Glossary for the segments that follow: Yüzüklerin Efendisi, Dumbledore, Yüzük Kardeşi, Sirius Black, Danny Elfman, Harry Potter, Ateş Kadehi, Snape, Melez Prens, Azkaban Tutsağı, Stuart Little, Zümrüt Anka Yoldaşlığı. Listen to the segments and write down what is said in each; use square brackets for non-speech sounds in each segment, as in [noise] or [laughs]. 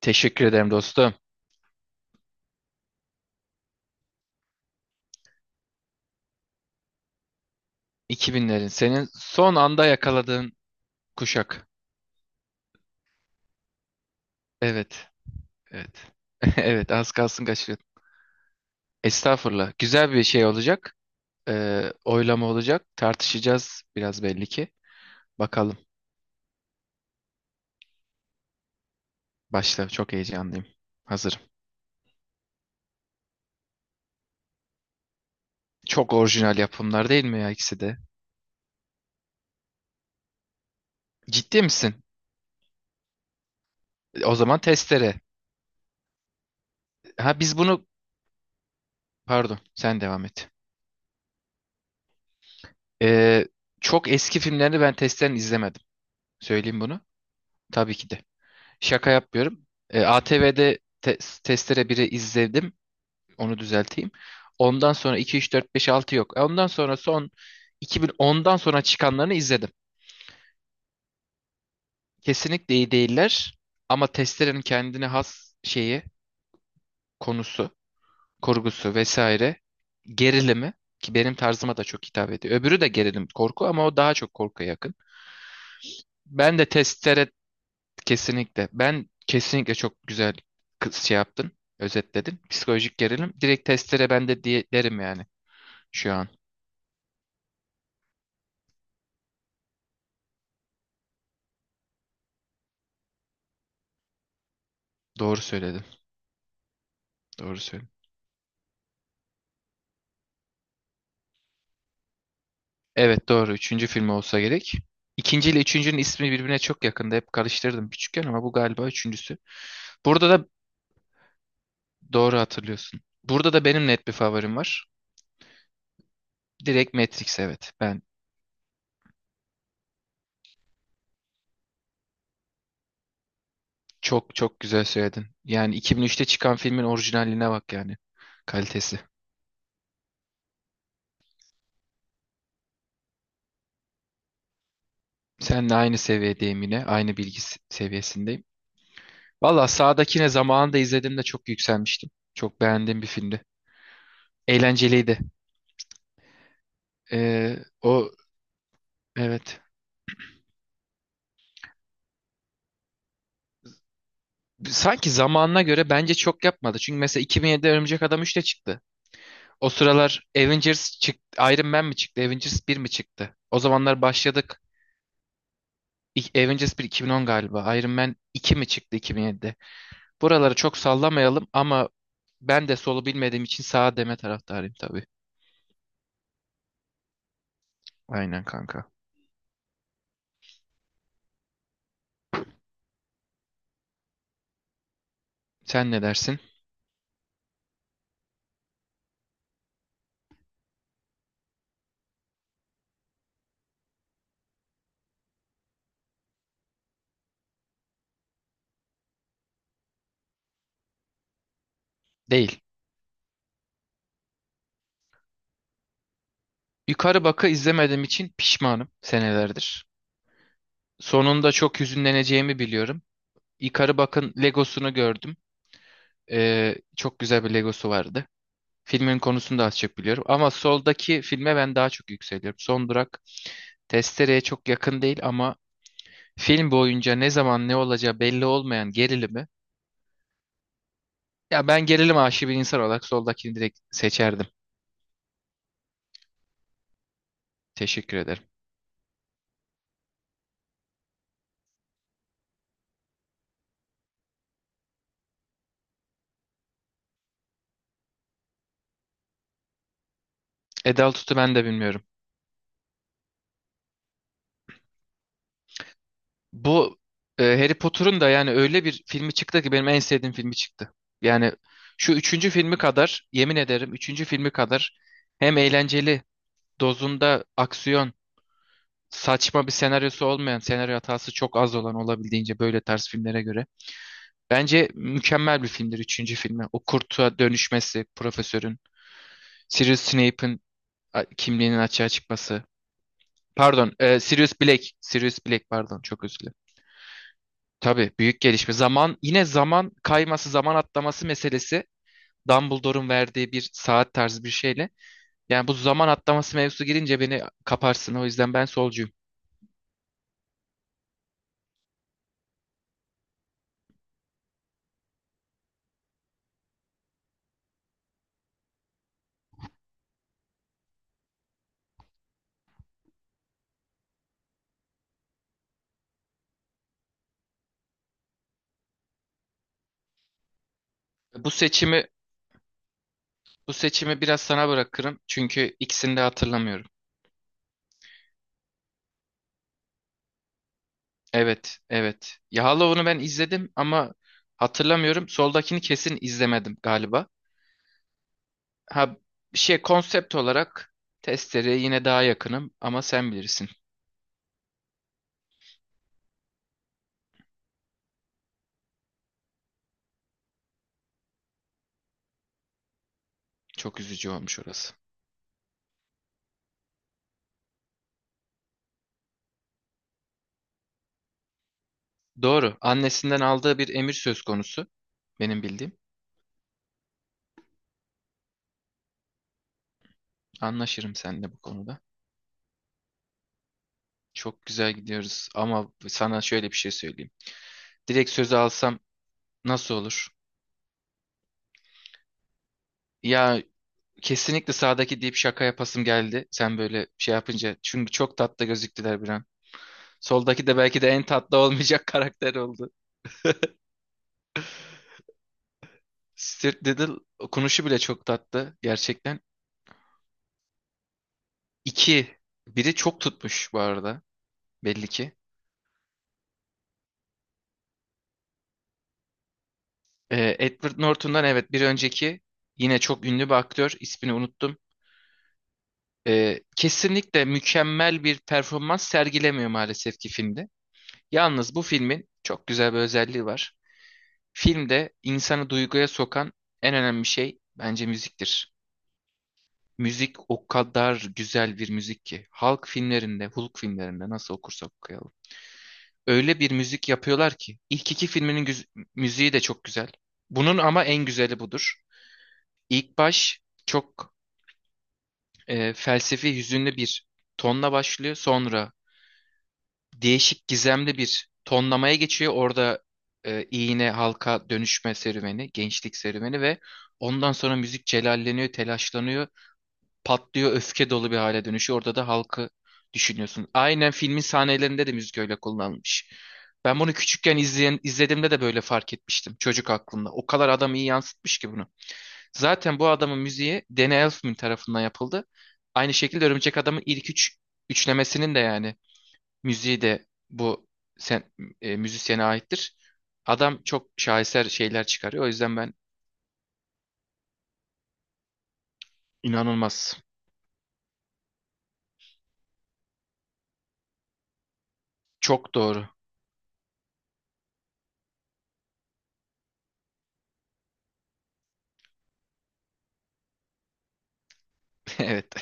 Teşekkür ederim dostum. 2000'lerin senin son anda yakaladığın kuşak. Evet. Evet. [laughs] Evet, az kalsın kaçırıyordum. Estağfurullah. Güzel bir şey olacak. Oylama olacak. Tartışacağız biraz belli ki. Bakalım. Başla. Çok heyecanlıyım. Hazırım. Çok orijinal yapımlar değil mi ya ikisi de? Ciddi misin? O zaman testere. Ha biz bunu... Pardon. Sen devam et. Ee, Çok eski filmlerini ben testlerini izlemedim. Söyleyeyim bunu. Tabii ki de. Şaka yapmıyorum. ATV'de Testere 1'i izledim. Onu düzelteyim. Ondan sonra 2, 3, 4, 5, 6 yok. Ondan sonra son 2010'dan sonra çıkanlarını izledim. Kesinlikle iyi değiller. Ama Testere'nin kendine has şeyi, konusu, kurgusu vesaire gerilimi ki benim tarzıma da çok hitap ediyor. Öbürü de gerilim korku ama o daha çok korkuya yakın. Ben de Testere. Kesinlikle. Ben kesinlikle çok güzel şey yaptın, özetledin. Psikolojik gerilim. Direkt testlere ben de diye derim yani şu an. Doğru söyledin. Doğru söyledin. Evet, doğru. Üçüncü film olsa gerek. İkinci ile üçüncünün ismi birbirine çok yakında. Hep karıştırdım küçükken ama bu galiba üçüncüsü. Burada da doğru hatırlıyorsun. Burada da benim net bir favorim var. Direkt Matrix, evet. Çok çok güzel söyledin. Yani 2003'te çıkan filmin orijinaline bak yani. Kalitesi. Seninle aynı seviyedeyim yine. Aynı bilgi seviyesindeyim. Valla sağdakine zamanında izlediğimde çok yükselmiştim. Çok beğendiğim bir filmdi. Eğlenceliydi. O, evet. Sanki zamanına göre bence çok yapmadı. Çünkü mesela 2007'de Örümcek Adam 3 de çıktı. O sıralar Avengers çıktı. Iron Man mi çıktı? Avengers 1 mi çıktı? O zamanlar başladık. Avengers 1 2010 galiba. Iron Man 2 mi çıktı 2007'de? Buraları çok sallamayalım ama ben de solu bilmediğim için sağa deme taraftarıyım tabii. Aynen kanka. Sen ne dersin? Değil. Yukarı Bak'ı izlemediğim için pişmanım senelerdir. Sonunda çok hüzünleneceğimi biliyorum. Yukarı Bak'ın Legosunu gördüm. Çok güzel bir Legosu vardı. Filmin konusunu da az çok biliyorum. Ama soldaki filme ben daha çok yükseliyorum. Son Durak, Testere'ye çok yakın değil ama film boyunca ne zaman ne olacağı belli olmayan gerilimi. Ya ben gerilim aşığı bir insan olarak soldakini direkt seçerdim. Teşekkür ederim. Edal tutu ben de bilmiyorum. Bu Harry Potter'ın da yani öyle bir filmi çıktı ki benim en sevdiğim filmi çıktı. Yani şu üçüncü filmi kadar yemin ederim üçüncü filmi kadar hem eğlenceli dozunda aksiyon saçma bir senaryosu olmayan senaryo hatası çok az olan olabildiğince böyle tarz filmlere göre. Bence mükemmel bir filmdir üçüncü filmi. O kurtuğa dönüşmesi, profesörün. Sirius Snape'in kimliğinin açığa çıkması. Pardon, Sirius Black. Sirius Black, pardon, çok özür dilerim. Tabii büyük gelişme. Zaman yine zaman kayması, zaman atlaması meselesi Dumbledore'un verdiği bir saat tarzı bir şeyle. Yani bu zaman atlaması mevzusu girince beni kaparsın. O yüzden ben solcuyum. Bu seçimi bu seçimi biraz sana bırakırım. Çünkü ikisini de hatırlamıyorum. Evet, evet. Ya Hollow'unu ben izledim ama hatırlamıyorum. Soldakini kesin izlemedim galiba. Ha, şey, konsept olarak testereye yine daha yakınım ama sen bilirsin. Çok üzücü olmuş orası. Doğru. Annesinden aldığı bir emir söz konusu. Benim bildiğim. Anlaşırım seninle bu konuda. Çok güzel gidiyoruz ama sana şöyle bir şey söyleyeyim. Direkt sözü alsam nasıl olur? Ya kesinlikle sağdaki deyip şaka yapasım geldi. Sen böyle şey yapınca. Çünkü çok tatlı gözüktüler bir an. Soldaki de belki de en tatlı olmayacak [laughs] karakter oldu. Stuart Little okunuşu bile çok tatlı gerçekten. İki. Biri çok tutmuş bu arada. Belli ki. Edward Norton'dan evet bir önceki yine çok ünlü bir aktör. İsmini unuttum. Kesinlikle mükemmel bir performans sergilemiyor maalesef ki filmde. Yalnız bu filmin çok güzel bir özelliği var. Filmde insanı duyguya sokan en önemli şey bence müziktir. Müzik o kadar güzel bir müzik ki. Halk filmlerinde, Hulk filmlerinde nasıl okursak okuyalım, öyle bir müzik yapıyorlar ki. İlk iki filminin müziği de çok güzel. Bunun ama en güzeli budur. İlk baş çok felsefi, hüzünlü bir tonla başlıyor. Sonra değişik, gizemli bir tonlamaya geçiyor. Orada iğne, halka dönüşme serüveni, gençlik serüveni ve ondan sonra müzik celalleniyor, telaşlanıyor. Patlıyor, öfke dolu bir hale dönüşüyor. Orada da halkı düşünüyorsun. Aynen filmin sahnelerinde de müzik öyle kullanılmış. Ben bunu küçükken izlediğimde de böyle fark etmiştim çocuk aklımda. O kadar adam iyi yansıtmış ki bunu. Zaten bu adamın müziği Danny Elfman tarafından yapıldı. Aynı şekilde Örümcek Adam'ın ilk üç üçlemesinin de yani müziği de bu sen, müzisyene aittir. Adam çok şaheser şeyler çıkarıyor. O yüzden ben inanılmaz. Çok doğru. [laughs] Evet.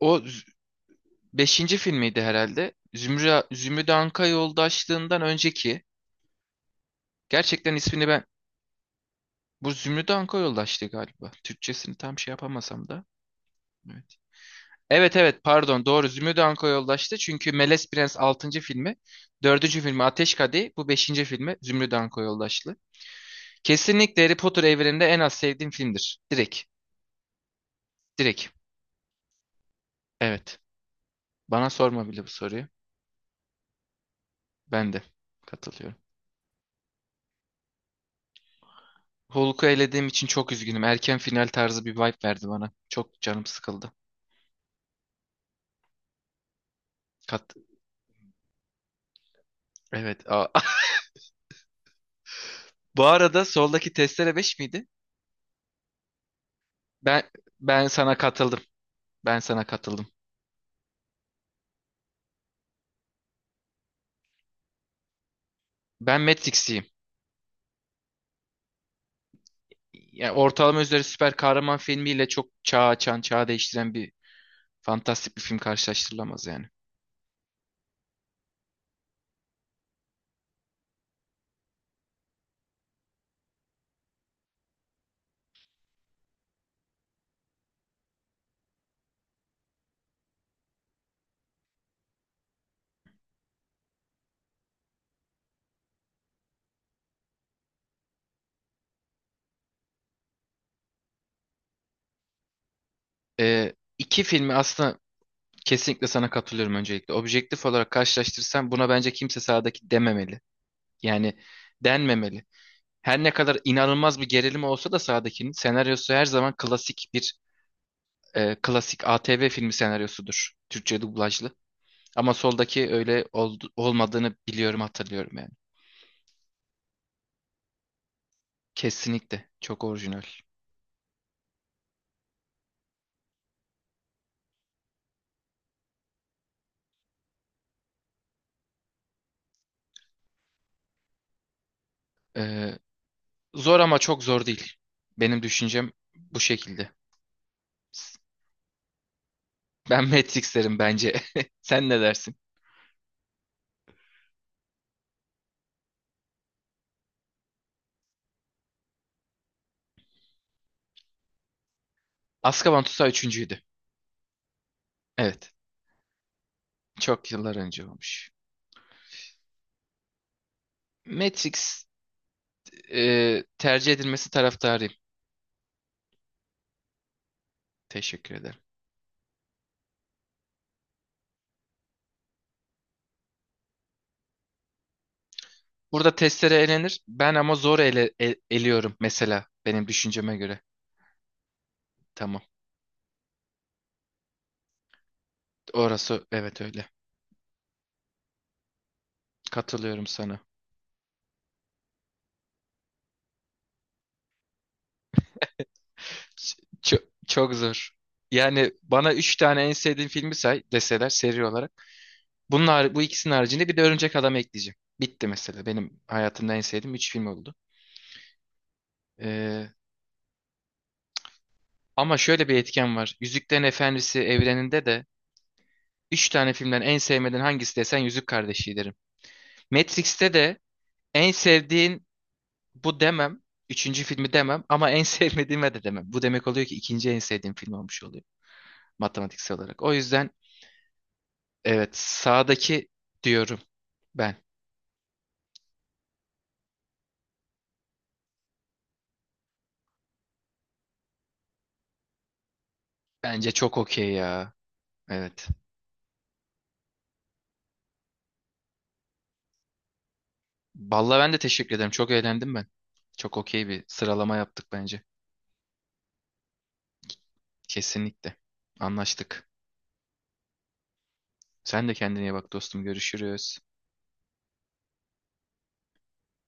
O beşinci filmiydi herhalde. Zümrüt Anka Yoldaşlığından önceki. Gerçekten ismini ben... Bu Zümrüt Anka Yoldaşlığı galiba. Türkçesini tam şey yapamasam da. Evet. Evet, evet, pardon, doğru Zümrüt Anka Yoldaşlığı. Çünkü Melez Prens altıncı filmi. Dördüncü filmi Ateş Kadehi. Bu beşinci filmi Zümrüt Anka Yoldaşlığı. Kesinlikle Harry Potter evreninde en az sevdiğim filmdir. Direkt. Direkt. Evet. Bana sorma bile bu soruyu. Ben de katılıyorum. Hulk'u elediğim için çok üzgünüm. Erken final tarzı bir vibe verdi bana. Çok canım sıkıldı. Kat evet. Aa. [laughs] Bu arada soldaki testere 5 miydi? Ben ben sana katıldım. Ben sana katıldım. Ben Matrix'iyim. Yani ortalama üzeri süper kahraman filmiyle çok çağ açan, çağ değiştiren bir fantastik bir film karşılaştırılamaz yani. İki filmi aslında, kesinlikle sana katılıyorum öncelikle. Objektif olarak karşılaştırsam buna bence kimse sağdaki dememeli. Yani denmemeli. Her ne kadar inanılmaz bir gerilim olsa da sahadakinin senaryosu her zaman klasik ATV filmi senaryosudur. Türkçe dublajlı. Ama soldaki öyle olmadığını biliyorum, hatırlıyorum yani. Kesinlikle çok orijinal. E, Zor ama çok zor değil. Benim düşüncem bu şekilde. S- Ben [laughs] Matrix derim bence. [laughs] Sen ne dersin? Azkaban Tutsağı üçüncüydü. Evet. Çok yıllar önce olmuş. Matrix tercih edilmesi taraftarıyım. Teşekkür ederim. Burada testere elenir. Ben ama zor eliyorum mesela benim düşünceme göre. Tamam. Orası evet, öyle. Katılıyorum sana. Çok, çok zor. Yani bana üç tane en sevdiğim filmi say deseler seri olarak. Bunlar bu ikisinin haricinde bir de Örümcek Adam ekleyeceğim. Bitti mesela. Benim hayatımda en sevdiğim üç film oldu. Ee, Ama şöyle bir etken var. Yüzüklerin Efendisi evreninde de üç tane filmden en sevmediğin hangisi desen Yüzük Kardeşi derim. Matrix'te de en sevdiğin. Bu demem. Üçüncü filmi demem ama en [laughs] sevmediğime de demem. Bu demek oluyor ki ikinci en sevdiğim film olmuş oluyor matematiksel olarak. O yüzden evet, sağdaki diyorum ben. Bence çok okey ya. Evet. Vallahi ben de teşekkür ederim. Çok eğlendim ben. Çok okey bir sıralama yaptık bence. Kesinlikle. Anlaştık. Sen de kendine iyi bak dostum. Görüşürüz.